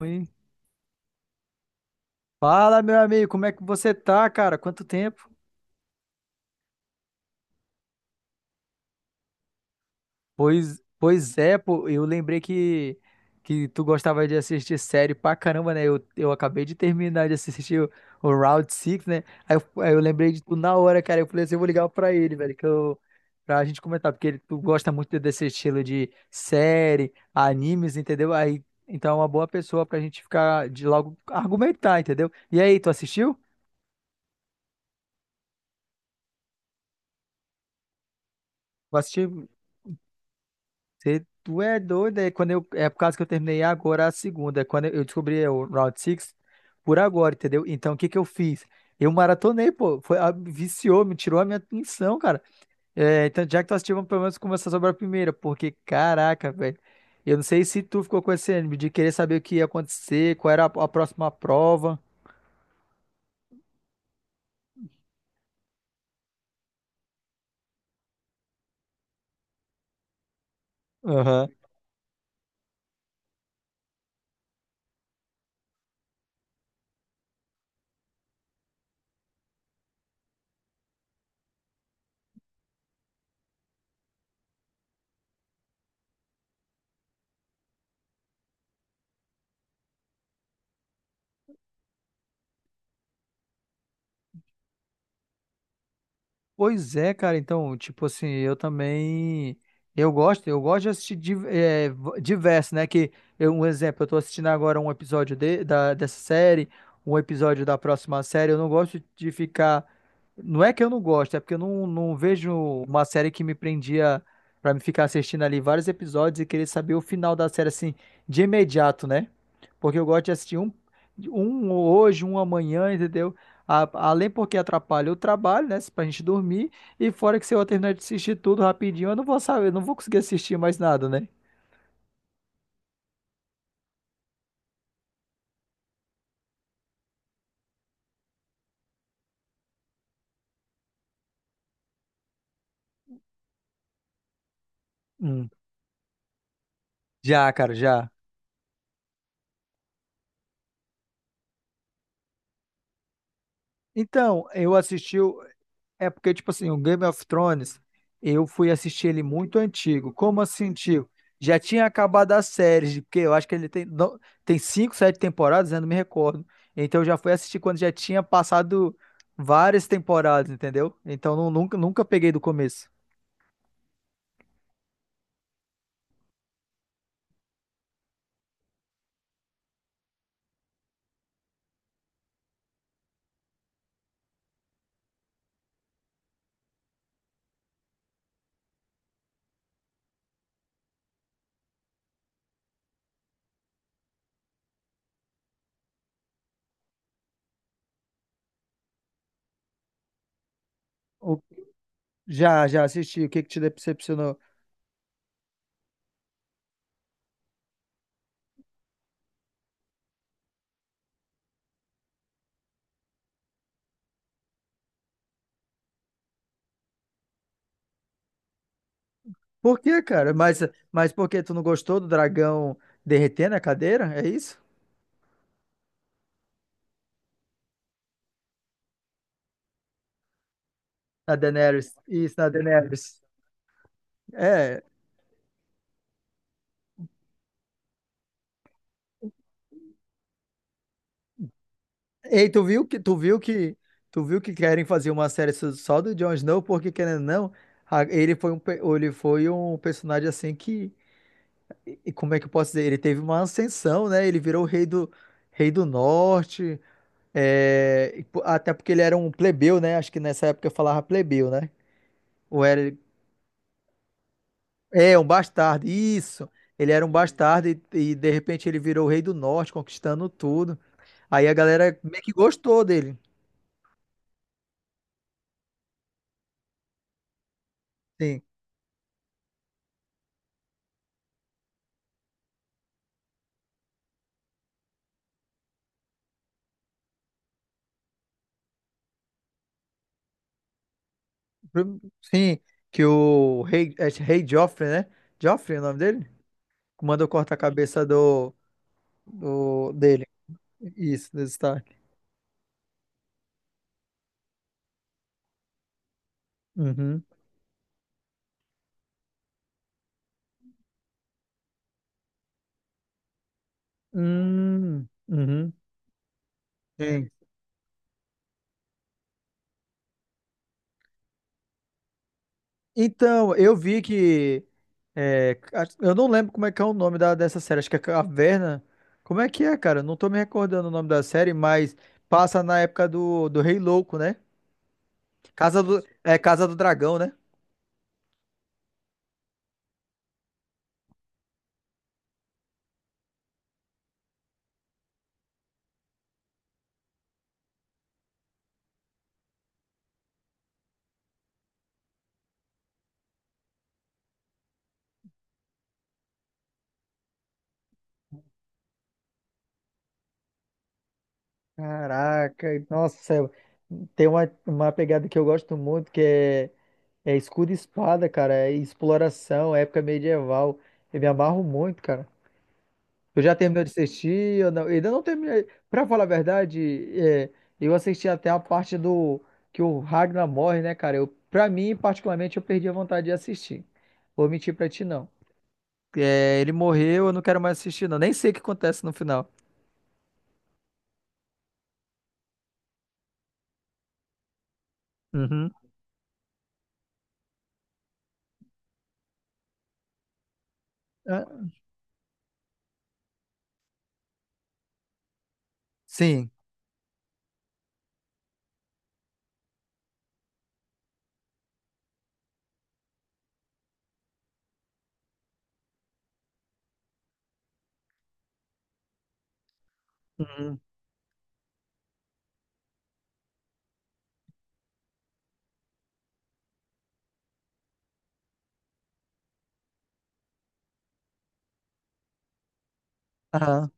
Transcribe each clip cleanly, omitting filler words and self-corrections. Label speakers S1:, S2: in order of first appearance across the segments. S1: Oi. Fala, meu amigo, como é que você tá, cara? Quanto tempo? Pois é, pô, eu lembrei que tu gostava de assistir série pra caramba, né? Eu acabei de terminar de assistir o Round Six, né? Aí eu lembrei de tu na hora, cara. Eu falei assim, eu vou ligar pra ele, velho, que eu, pra gente comentar, porque ele, tu gosta muito desse estilo de série, animes, entendeu? Aí, então é uma boa pessoa pra gente ficar de logo argumentar, entendeu? E aí, tu assistiu? Vai assistir? Cê, tu é doido, é, quando eu, é por causa que eu terminei agora a segunda, é quando eu descobri o Round Six por agora, entendeu? Então, o que que eu fiz? Eu maratonei, pô, foi, viciou, me tirou a minha atenção, cara. É, então, já que tu assistiu, vamos pelo menos começar sobre a primeira, porque, caraca, velho, eu não sei se tu ficou com esse ânimo de querer saber o que ia acontecer, qual era a próxima prova. Pois é, cara, então, tipo assim, eu também, eu gosto de assistir diverso, né, que, um exemplo, eu tô assistindo agora um episódio dessa série, um episódio da próxima série, eu não gosto de ficar, não é que eu não gosto, é porque eu não vejo uma série que me prendia pra me ficar assistindo ali vários episódios e querer saber o final da série, assim, de imediato, né, porque eu gosto de assistir um, um hoje, um amanhã, entendeu? Além porque atrapalha o trabalho, né? Pra gente dormir. E fora que se eu terminar de assistir tudo rapidinho, eu não vou saber, eu não vou conseguir assistir mais nada, né? Hum. Já, cara, já. Então, eu assisti. É porque, tipo assim, o Game of Thrones, eu fui assistir ele muito antigo. Como assim, tio? Já tinha acabado a série, porque eu acho que ele tem, tem cinco, sete temporadas, né, eu não me recordo. Então, eu já fui assistir quando já tinha passado várias temporadas, entendeu? Então, nunca, nunca peguei do começo. Já, já assisti. O que que te decepcionou? Por quê, cara? Mas por que tu não gostou do dragão derretendo a cadeira? É isso? Na Daenerys. Isso, na Daenerys. É. Ei, tu viu que tu viu que tu viu que querem fazer uma série só do Jon Snow porque, querendo ou não, ele foi um ele foi um personagem assim que, e como é que eu posso dizer? Ele teve uma ascensão, né? Ele virou o rei do. Rei do norte. É, e até porque ele era um plebeu, né? Acho que nessa época eu falava plebeu, né? Ou era... É, um bastardo, isso. Ele era um bastardo e, de repente ele virou o rei do norte, conquistando tudo. Aí a galera meio que gostou dele. Sim. Sim, que o rei, é, rei Joffrey, né? Joffrey é o nome dele? Mandou cortar a cabeça do dele. Isso, do Stark. Uhum. Hum, uhum. Sim. Então, eu vi que... é, eu não lembro como é que é o nome da, dessa série. Acho que é Caverna. Como é que é, cara? Não tô me recordando o nome da série, mas passa na época do, do Rei Louco, né? Casa do, é Casa do Dragão, né? Caraca, nossa, tem uma pegada que eu gosto muito que é, é escudo e espada, cara, é exploração, época medieval. Eu me amarro muito, cara. Tu já terminou de assistir? Eu não, ainda não terminei. Pra falar a verdade, é, eu assisti até a parte do que o Ragnar morre, né, cara? Eu, pra mim, particularmente, eu perdi a vontade de assistir. Vou mentir pra ti, não. É, ele morreu, eu não quero mais assistir, não. Nem sei o que acontece no final. Uhum. Ah. Sim. Uhum. Aham.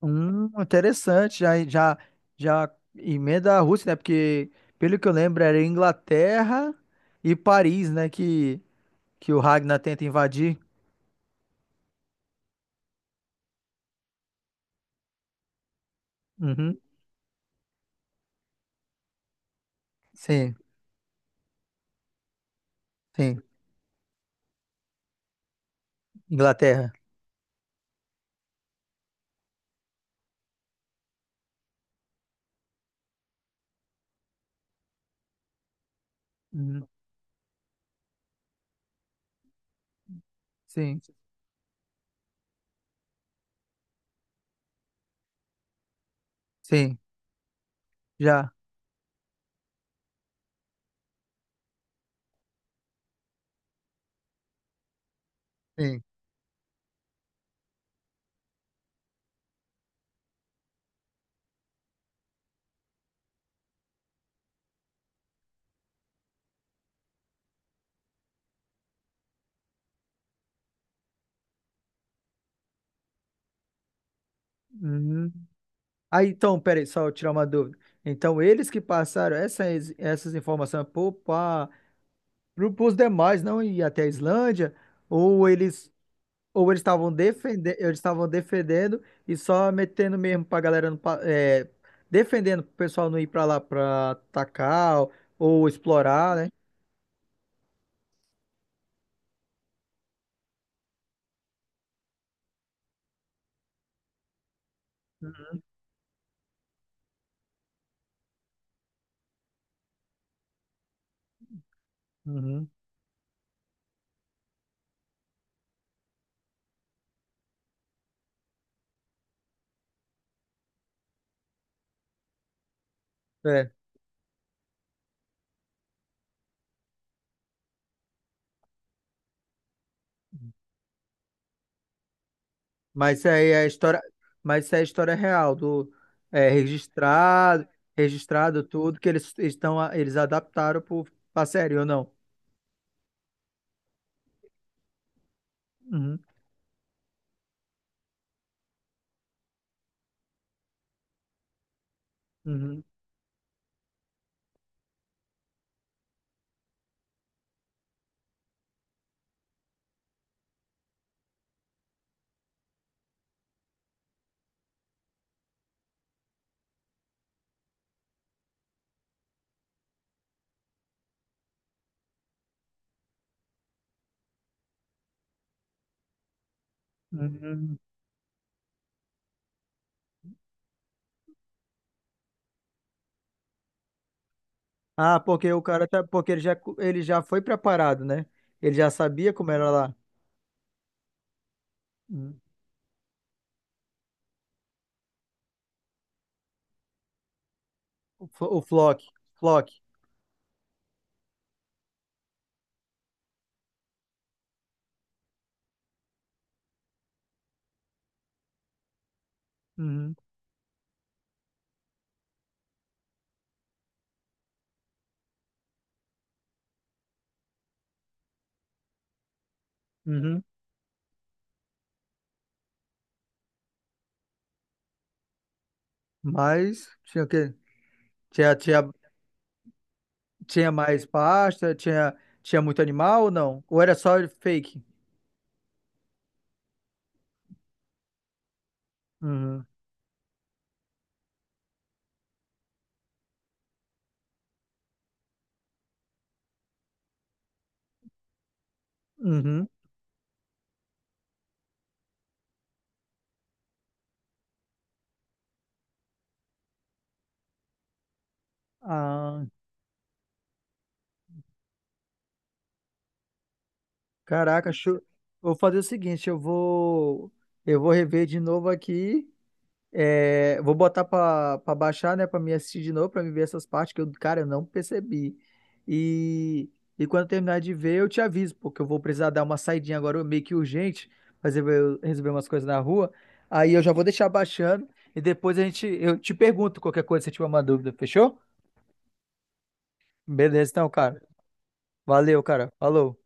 S1: Interessante. Já emenda a Rússia, né? Porque, pelo que eu lembro, era Inglaterra e Paris, né? Que o Ragnar tenta invadir. Uhum. Sim, sim. Inglaterra. Uhum. Sim, sim. Já. Sim. Uhum. Aí, então, peraí, só eu tirar uma dúvida. Então, eles que passaram essas informações para os demais não ir até a Islândia, ou eles, ou eles estavam defendendo e só metendo mesmo para a galera não, é, defendendo para o pessoal não ir para lá para atacar ou explorar, né? Uhum. É. Mas isso aí é a história, mas isso é a história real do, é, registrado, registrado tudo que eles estão, eles adaptaram pro, pra série ou não? Uhum, uhum, uhum. Ah, porque o cara tá, porque ele já, ele já foi preparado, né? Ele já sabia como era lá. Uhum. O, o Flock, Flock. Uhum, uhum. Mas tinha o quê? Tinha, tinha, tinha mais pasta, tinha, tinha muito animal ou não? Ou era só fake? Uhum. Uhum. Ah. Caraca, show. Vou fazer o seguinte, eu vou rever de novo aqui, é, vou botar pra pra baixar, né? Pra me assistir de novo, pra me ver essas partes que eu, cara, eu não percebi. E e quando eu terminar de ver, eu te aviso, porque eu vou precisar dar uma saidinha agora meio que urgente, fazer eu resolver umas coisas na rua. Aí eu já vou deixar baixando e depois a gente, eu te pergunto qualquer coisa se tiver uma dúvida, fechou? Beleza, então, cara. Valeu, cara. Falou.